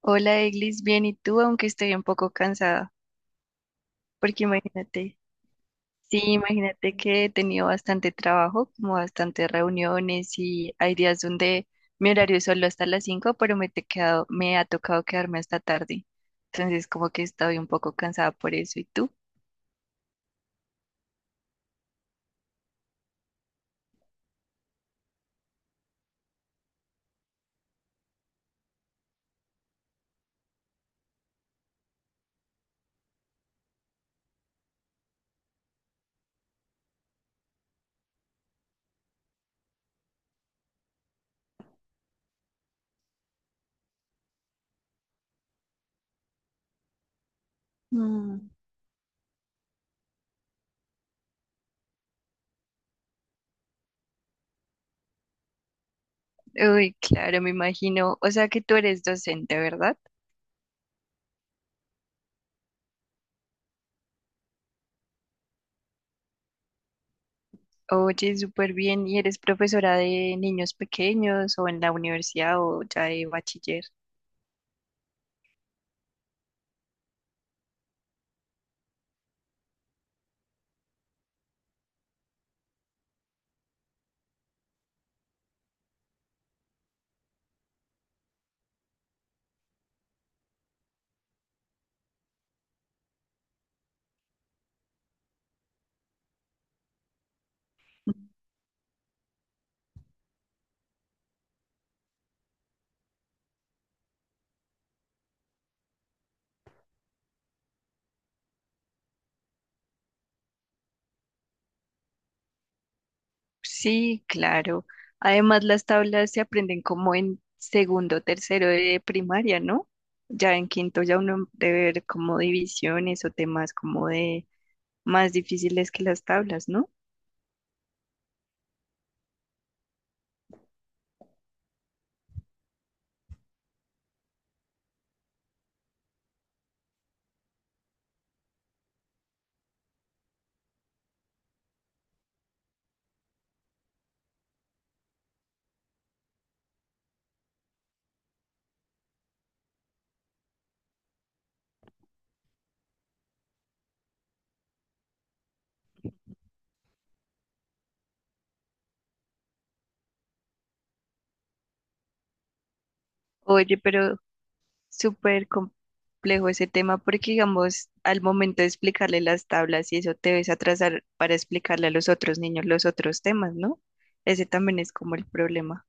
Hola, Eglis, bien, ¿y tú? Aunque estoy un poco cansada, porque imagínate, sí, imagínate que he tenido bastante trabajo, como bastantes reuniones y hay días donde mi horario es solo hasta las 5, pero me ha tocado quedarme hasta tarde. Entonces, como que estoy un poco cansada por eso, ¿y tú? Mm. Uy, claro, me imagino. O sea que tú eres docente, ¿verdad? Oye, súper bien. ¿Y eres profesora de niños pequeños o en la universidad o ya de bachiller? Sí, claro. Además, las tablas se aprenden como en segundo, tercero de primaria, ¿no? Ya en quinto ya uno debe ver como divisiones o temas como de más difíciles que las tablas, ¿no? Oye, pero súper complejo ese tema porque, digamos, al momento de explicarle las tablas y eso te ves atrasar para explicarle a los otros niños los otros temas, ¿no? Ese también es como el problema.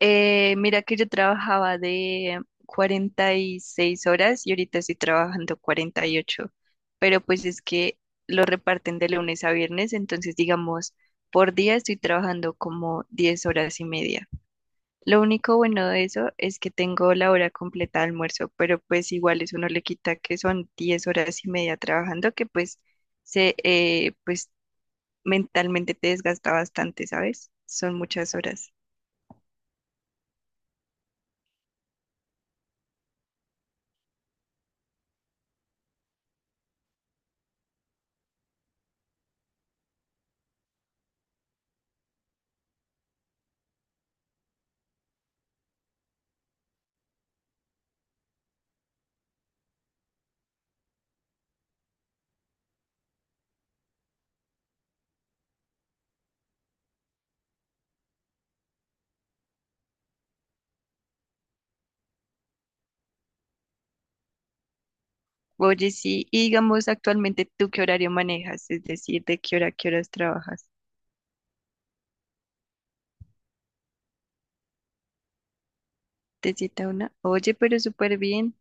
Mira que yo trabajaba de 46 horas y ahorita estoy trabajando 48, pero pues es que lo reparten de lunes a viernes, entonces digamos, por día estoy trabajando como 10 horas y media. Lo único bueno de eso es que tengo la hora completa de almuerzo, pero pues igual eso no le quita que son 10 horas y media trabajando, que pues se pues mentalmente te desgasta bastante, ¿sabes? Son muchas horas. Oye, sí, y digamos actualmente tú qué horario manejas, es decir, de qué hora a qué horas trabajas. Te cita una, oye, pero súper bien.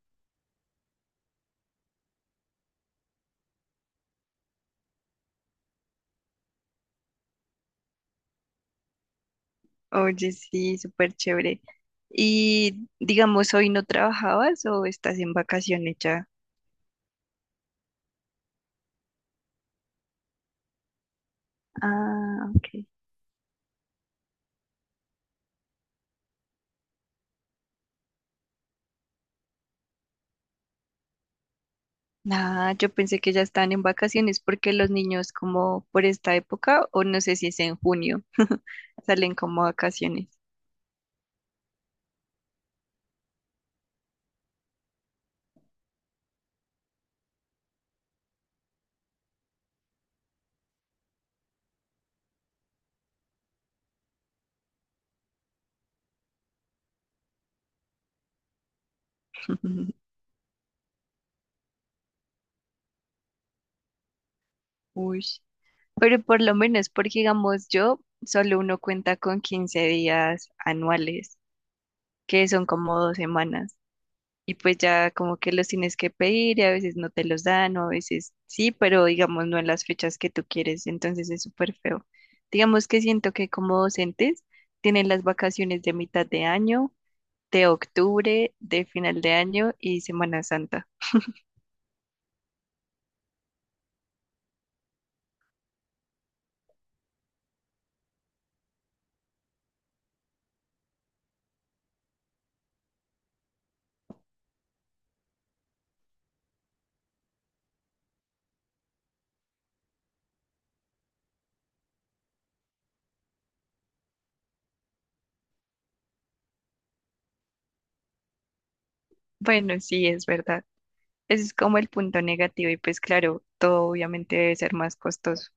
Oye, sí, súper chévere. Y digamos, ¿hoy no trabajabas o estás en vacaciones ya? Ah, ok. Ah, yo pensé que ya están en vacaciones porque los niños como por esta época, o no sé si es en junio, salen como a vacaciones. Uy. Pero por lo menos, porque digamos yo, solo uno cuenta con 15 días anuales, que son como 2 semanas. Y pues ya como que los tienes que pedir y a veces no te los dan o a veces sí, pero digamos no en las fechas que tú quieres. Entonces es súper feo. Digamos que siento que como docentes tienen las vacaciones de mitad de año, de octubre, de final de año y Semana Santa. Bueno, sí, es verdad. Ese es como el punto negativo y pues claro, todo obviamente debe ser más costoso.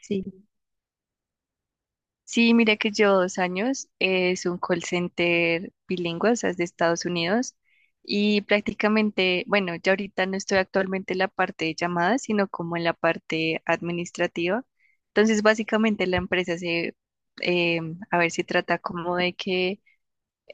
Sí. Sí, mira que yo 2 años es un call center bilingüe, o sea, es de Estados Unidos y prácticamente, bueno, ya ahorita no estoy actualmente en la parte de llamadas, sino como en la parte administrativa. Entonces, básicamente la empresa se, em, a ver, se trata como de que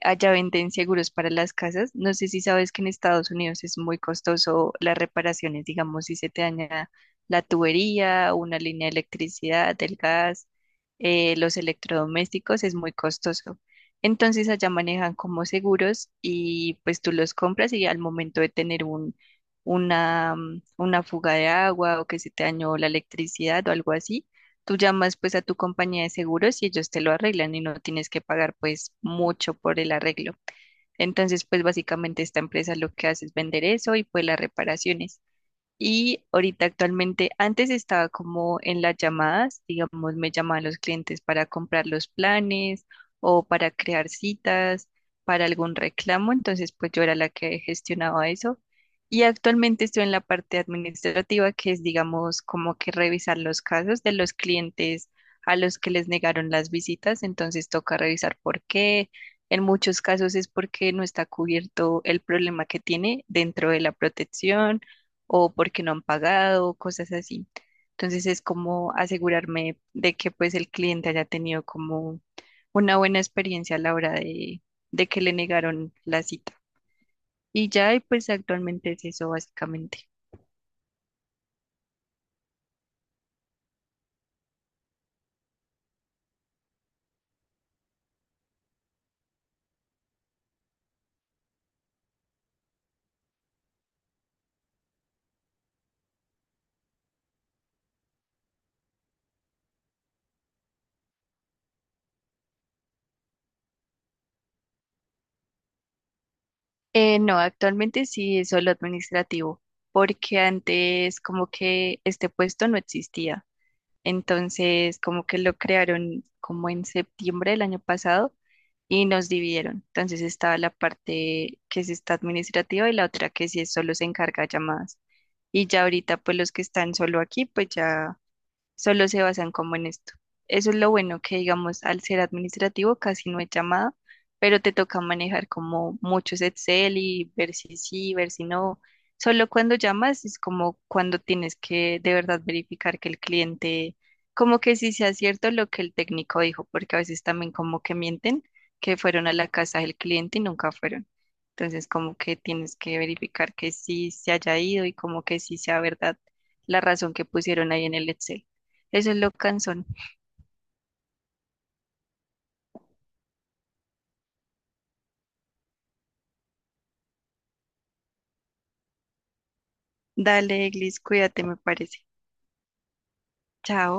allá venden seguros para las casas. No sé si sabes que en Estados Unidos es muy costoso las reparaciones, digamos, si se te daña la tubería, una línea de electricidad, del gas, los electrodomésticos, es muy costoso. Entonces allá manejan como seguros y pues tú los compras y al momento de tener una fuga de agua o que se te dañó la electricidad o algo así, tú llamas pues a tu compañía de seguros y ellos te lo arreglan y no tienes que pagar pues mucho por el arreglo. Entonces pues básicamente esta empresa lo que hace es vender eso y pues las reparaciones. Y ahorita actualmente, antes estaba como en las llamadas, digamos, me llamaban los clientes para comprar los planes o para crear citas, para algún reclamo, entonces pues yo era la que gestionaba eso. Y actualmente estoy en la parte administrativa, que es, digamos, como que revisar los casos de los clientes a los que les negaron las visitas, entonces toca revisar por qué. En muchos casos es porque no está cubierto el problema que tiene dentro de la protección o porque no han pagado, cosas así. Entonces es como asegurarme de que pues el cliente haya tenido como una buena experiencia a la hora de que le negaron la cita. Y ya, y pues actualmente es eso básicamente. No, actualmente sí es solo administrativo, porque antes como que este puesto no existía. Entonces, como que lo crearon como en septiembre del año pasado y nos dividieron. Entonces estaba la parte que sí está administrativa y la otra que sí es solo se encarga de llamadas. Y ya ahorita, pues los que están solo aquí, pues ya solo se basan como en esto. Eso es lo bueno que, digamos, al ser administrativo casi no es llamada, pero te toca manejar como muchos Excel y ver si sí, ver si no. Solo cuando llamas es como cuando tienes que de verdad verificar que el cliente, como que sí sea cierto lo que el técnico dijo, porque a veces también como que mienten que fueron a la casa del cliente y nunca fueron. Entonces como que tienes que verificar que sí se haya ido y como que sí sea verdad la razón que pusieron ahí en el Excel. Eso es lo cansón. Dale, Eglis, cuídate, me parece. Chao.